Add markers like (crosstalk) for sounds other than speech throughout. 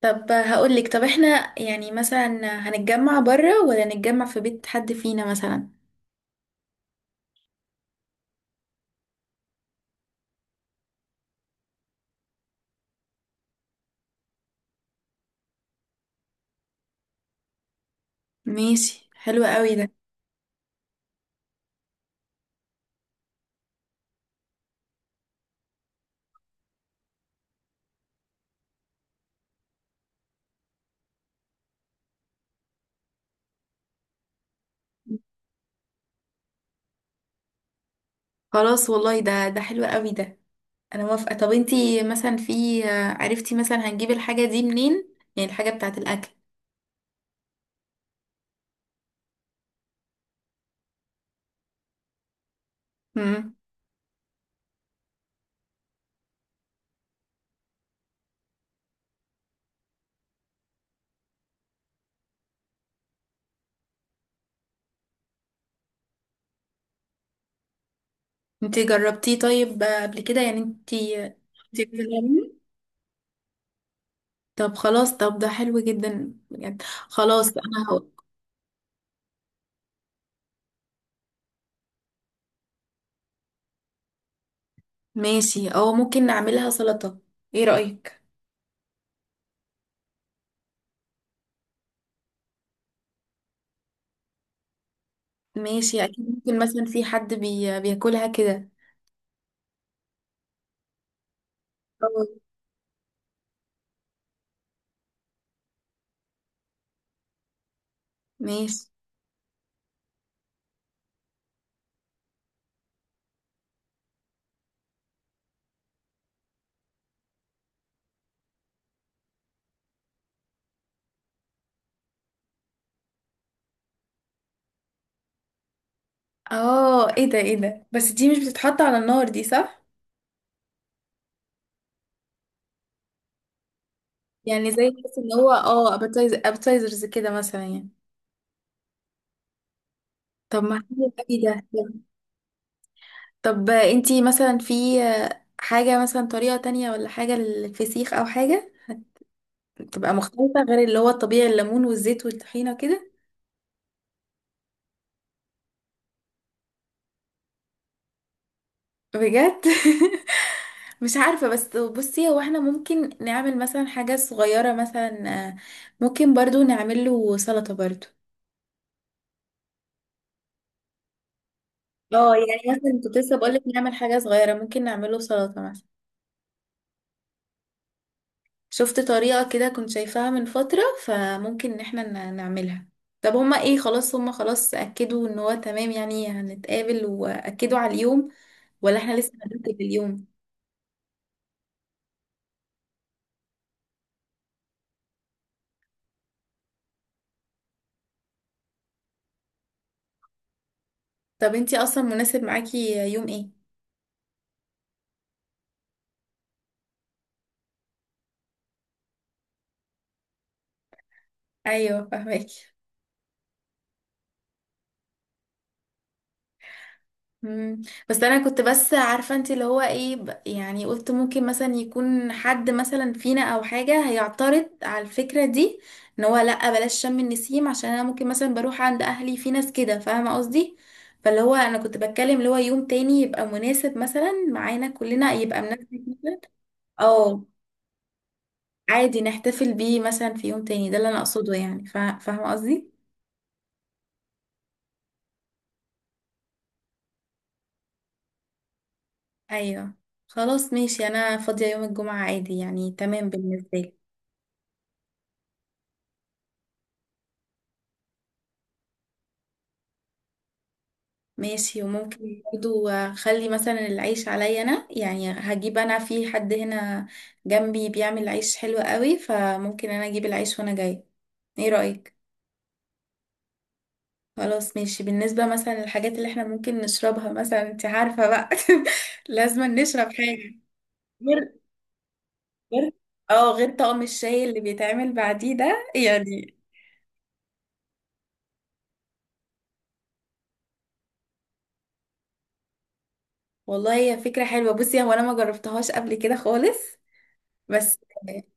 طب هقولك، طب احنا يعني مثلا هنتجمع بره ولا نتجمع في بيت حد فينا مثلا؟ ماشي، حلو قوي ده. خلاص والله، ده حلو قوي ده. انا موافقة. طب انتي مثلا، في عرفتي مثلا هنجيب الحاجة دي منين؟ يعني الحاجة بتاعة الاكل. امم انتي جربتيه طيب قبل كده؟ يعني انتي، انتي بتعملي؟ طب خلاص، طب ده حلو جدا بجد. خلاص انا هقول ماشي. او ممكن نعملها سلطة، ايه رأيك؟ ماشي، اكيد ممكن، مثلا في حد بياكلها كده. أوه. ماشي. اه ايه ده، ايه ده؟ بس دي مش بتتحط على النار دي، صح؟ يعني زي بس ان هو، ابيتايز، ابيتايزرز كده مثلا يعني. طب ما حلو قوي ده. طب انتي مثلا، في حاجة مثلا طريقة تانية، ولا حاجة للفسيخ او حاجة تبقى مختلفة غير اللي هو الطبيعي، الليمون والزيت والطحينة كده؟ بجد؟ (laughs) مش عارفة، بس بصي هو احنا ممكن نعمل مثلا حاجة صغيرة مثلا، ممكن برضو نعمل له سلطة برضو. اه يعني مثلا كنت لسه بقولك نعمل حاجة صغيرة، ممكن نعمل له سلطة مثلا. شفت طريقة كده كنت شايفاها من فترة، فممكن ان احنا نعملها. طب هما ايه، خلاص هما خلاص أكدوا ان هو تمام يعني هنتقابل وأكدوا على اليوم، ولا احنا لسه هنرتب اليوم؟ طب انتي اصلا مناسب معاكي يوم ايه؟ ايوه فاهمك. مم. بس انا كنت بس عارفه انت اللي هو ايه، يعني قلت ممكن مثلا يكون حد مثلا فينا او حاجه هيعترض على الفكره دي، ان هو لا بلاش شم النسيم عشان انا ممكن مثلا بروح عند اهلي، في ناس كده فاهمه قصدي. فاللي هو انا كنت بتكلم اللي هو يوم تاني يبقى مناسب مثلا معانا كلنا، يبقى مناسب مثلا. او عادي نحتفل بيه مثلا في يوم تاني، ده اللي انا اقصده يعني، فاهمه قصدي؟ ايوه خلاص ماشي، انا فاضيه يوم الجمعه عادي يعني، تمام بالنسبه لي. ماشي. وممكن برضو اخلي مثلا العيش عليا انا، يعني هجيب انا، في حد هنا جنبي بيعمل عيش حلو قوي، فممكن انا اجيب العيش وانا جاي، ايه رأيك؟ خلاص ماشي. بالنسبة مثلا للحاجات اللي احنا ممكن نشربها مثلا، انت عارفة بقى (laughs) لازم نشرب حاجة غير، غير، اه غير طقم الشاي اللي بيتعمل بعديه ده يعني. والله هي فكرة حلوة. بصي هو انا ما جربتهاش قبل كده خالص، بس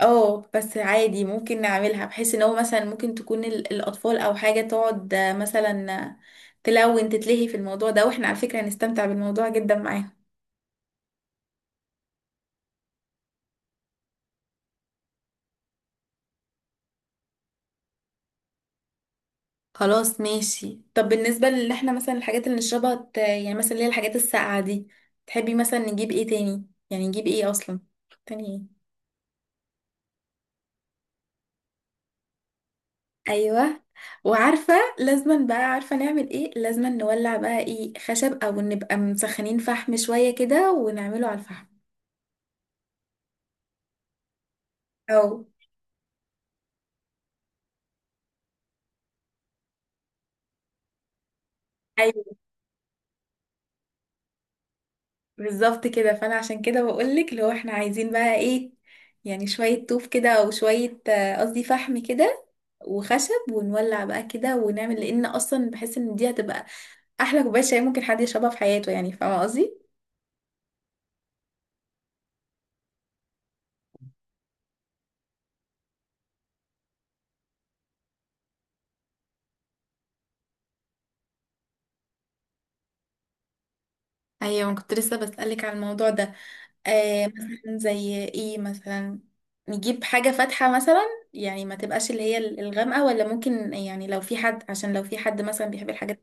اه، بس عادي ممكن نعملها بحيث ان هو مثلا ممكن تكون الاطفال او حاجه تقعد، مثلا، تلون، تتلهي في الموضوع ده، واحنا على فكره هنستمتع بالموضوع جدا معاهم. خلاص ماشي. طب بالنسبه لان احنا مثلا الحاجات اللي نشربها، يعني مثلا اللي هي الحاجات الساقعه دي، تحبي مثلا نجيب ايه تاني؟ يعني نجيب ايه اصلا تاني؟ ايه؟ ايوه. وعارفه لازما بقى، عارفه نعمل ايه؟ لازما نولع بقى ايه، خشب او نبقى مسخنين فحم شويه كده ونعمله على الفحم؟ او بالظبط كده. فانا عشان كده بقولك لو احنا عايزين بقى ايه، يعني شوية طوف كده او شوية، قصدي فحم كده وخشب، ونولع بقى كده ونعمل، لان اصلا بحس ان دي هتبقى احلى كوباية شاي ممكن حد يشربها في حياته، يعني فاهمة قصدي؟ ايوه انا كنت لسه بسألك على الموضوع ده. آه مثلا زي ايه مثلا؟ نجيب حاجة فاتحة مثلا، يعني ما تبقاش اللي هي الغامقة، ولا ممكن يعني لو في حد، عشان لو في حد مثلا بيحب الحاجات.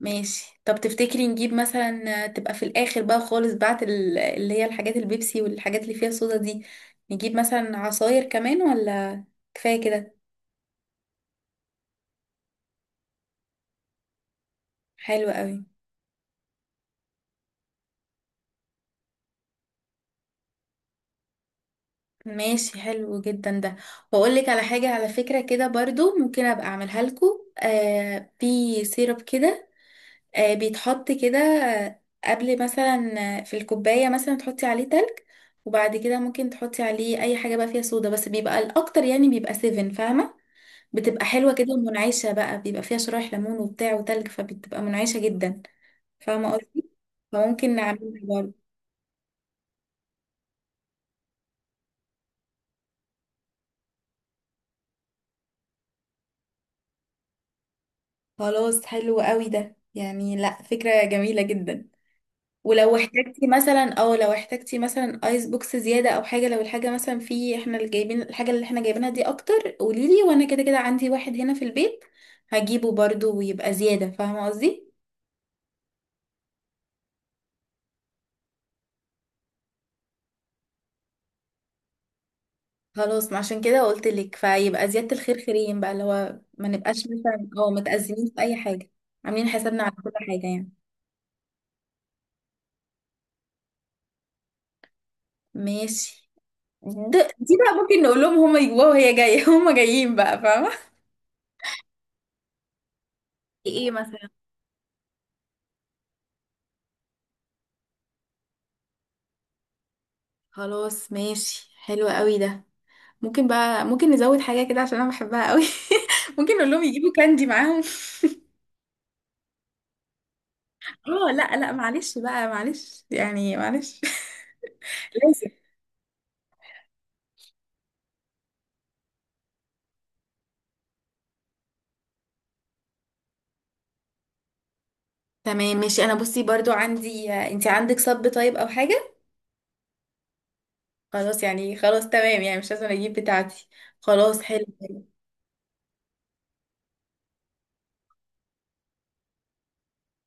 ماشي. طب تفتكري نجيب مثلا تبقى في الاخر بقى خالص بعد اللي هي الحاجات البيبسي والحاجات اللي فيها صودا دي، نجيب مثلا عصاير كمان، ولا كفاية كده؟ حلو قوي. ماشي، حلو جدا ده. واقول لك على حاجة على فكرة كده برضو ممكن ابقى اعملها لكم، آه في سيرب كده، آه بيتحط كده، آه، قبل مثلا، آه، في الكوباية مثلا تحطي عليه تلج، وبعد كده ممكن تحطي عليه اي حاجة بقى فيها صودا، بس بيبقى الاكتر يعني بيبقى 7، فاهمة؟ بتبقى حلوة كده ومنعشة بقى، بيبقى فيها شرايح ليمون وبتاع وتلج، فبتبقى منعشة جدا، فاهمة قصدي؟ فممكن نعملها برضه. خلاص، حلو قوي ده يعني، لا فكرة جميلة جدا. ولو احتجتي مثلا، او لو احتجتي مثلا ايس بوكس زيادة او حاجة، لو الحاجة مثلا في، احنا اللي جايبين الحاجة اللي احنا جايبينها دي اكتر، قوليلي وانا كده كده عندي واحد هنا في البيت، هجيبه برضه ويبقى زيادة، فاهمة قصدي؟ خلاص، ما عشان كده قلت لك، فيبقى زيادة الخير خيرين بقى، اللي هو ما نبقاش مثلا اه متأزمين في أي حاجة. عاملين حسابنا على كل حاجة يعني. ماشي. ده دي بقى ممكن نقول لهم هما يجوا وهي جاية (laughs) هما جايين بقى، فاهمة؟ ايه مثلا؟ خلاص ماشي، حلو قوي ده. ممكن بقى، ممكن نزود حاجة كده عشان أنا بحبها قوي (laughs) ممكن نقول لهم يجيبوا كاندي معاهم. (laughs) اه لا لا، معلش بقى، معلش يعني، معلش. (laughs) لازم. تمام ماشي. أنا بصي برضو عندي، انت عندك صب طيب أو حاجة؟ خلاص يعني، خلاص تمام يعني، مش لازم اجيب بتاعتي. خلاص، حلو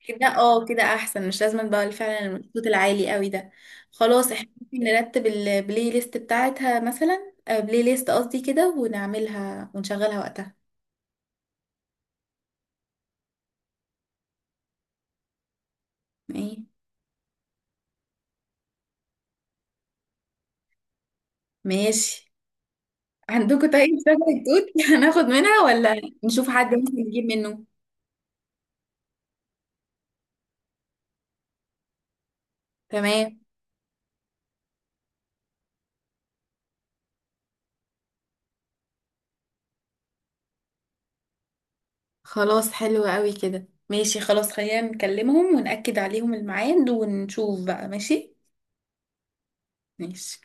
كده. اه كده احسن، مش لازم بقى فعلا الصوت العالي قوي ده. خلاص، احنا ممكن نرتب البلاي ليست بتاعتها مثلا، بلاي ليست قصدي كده، ونعملها ونشغلها وقتها. ايه؟ ماشي. عندكم طيب شجرة توت؟ (laughs) هناخد منها، ولا نشوف حد ممكن نجيب منه؟ تمام. خلاص، حلو قوي كده. ماشي خلاص، خلينا نكلمهم ونأكد عليهم الميعاد ونشوف بقى. ماشي. ماشي.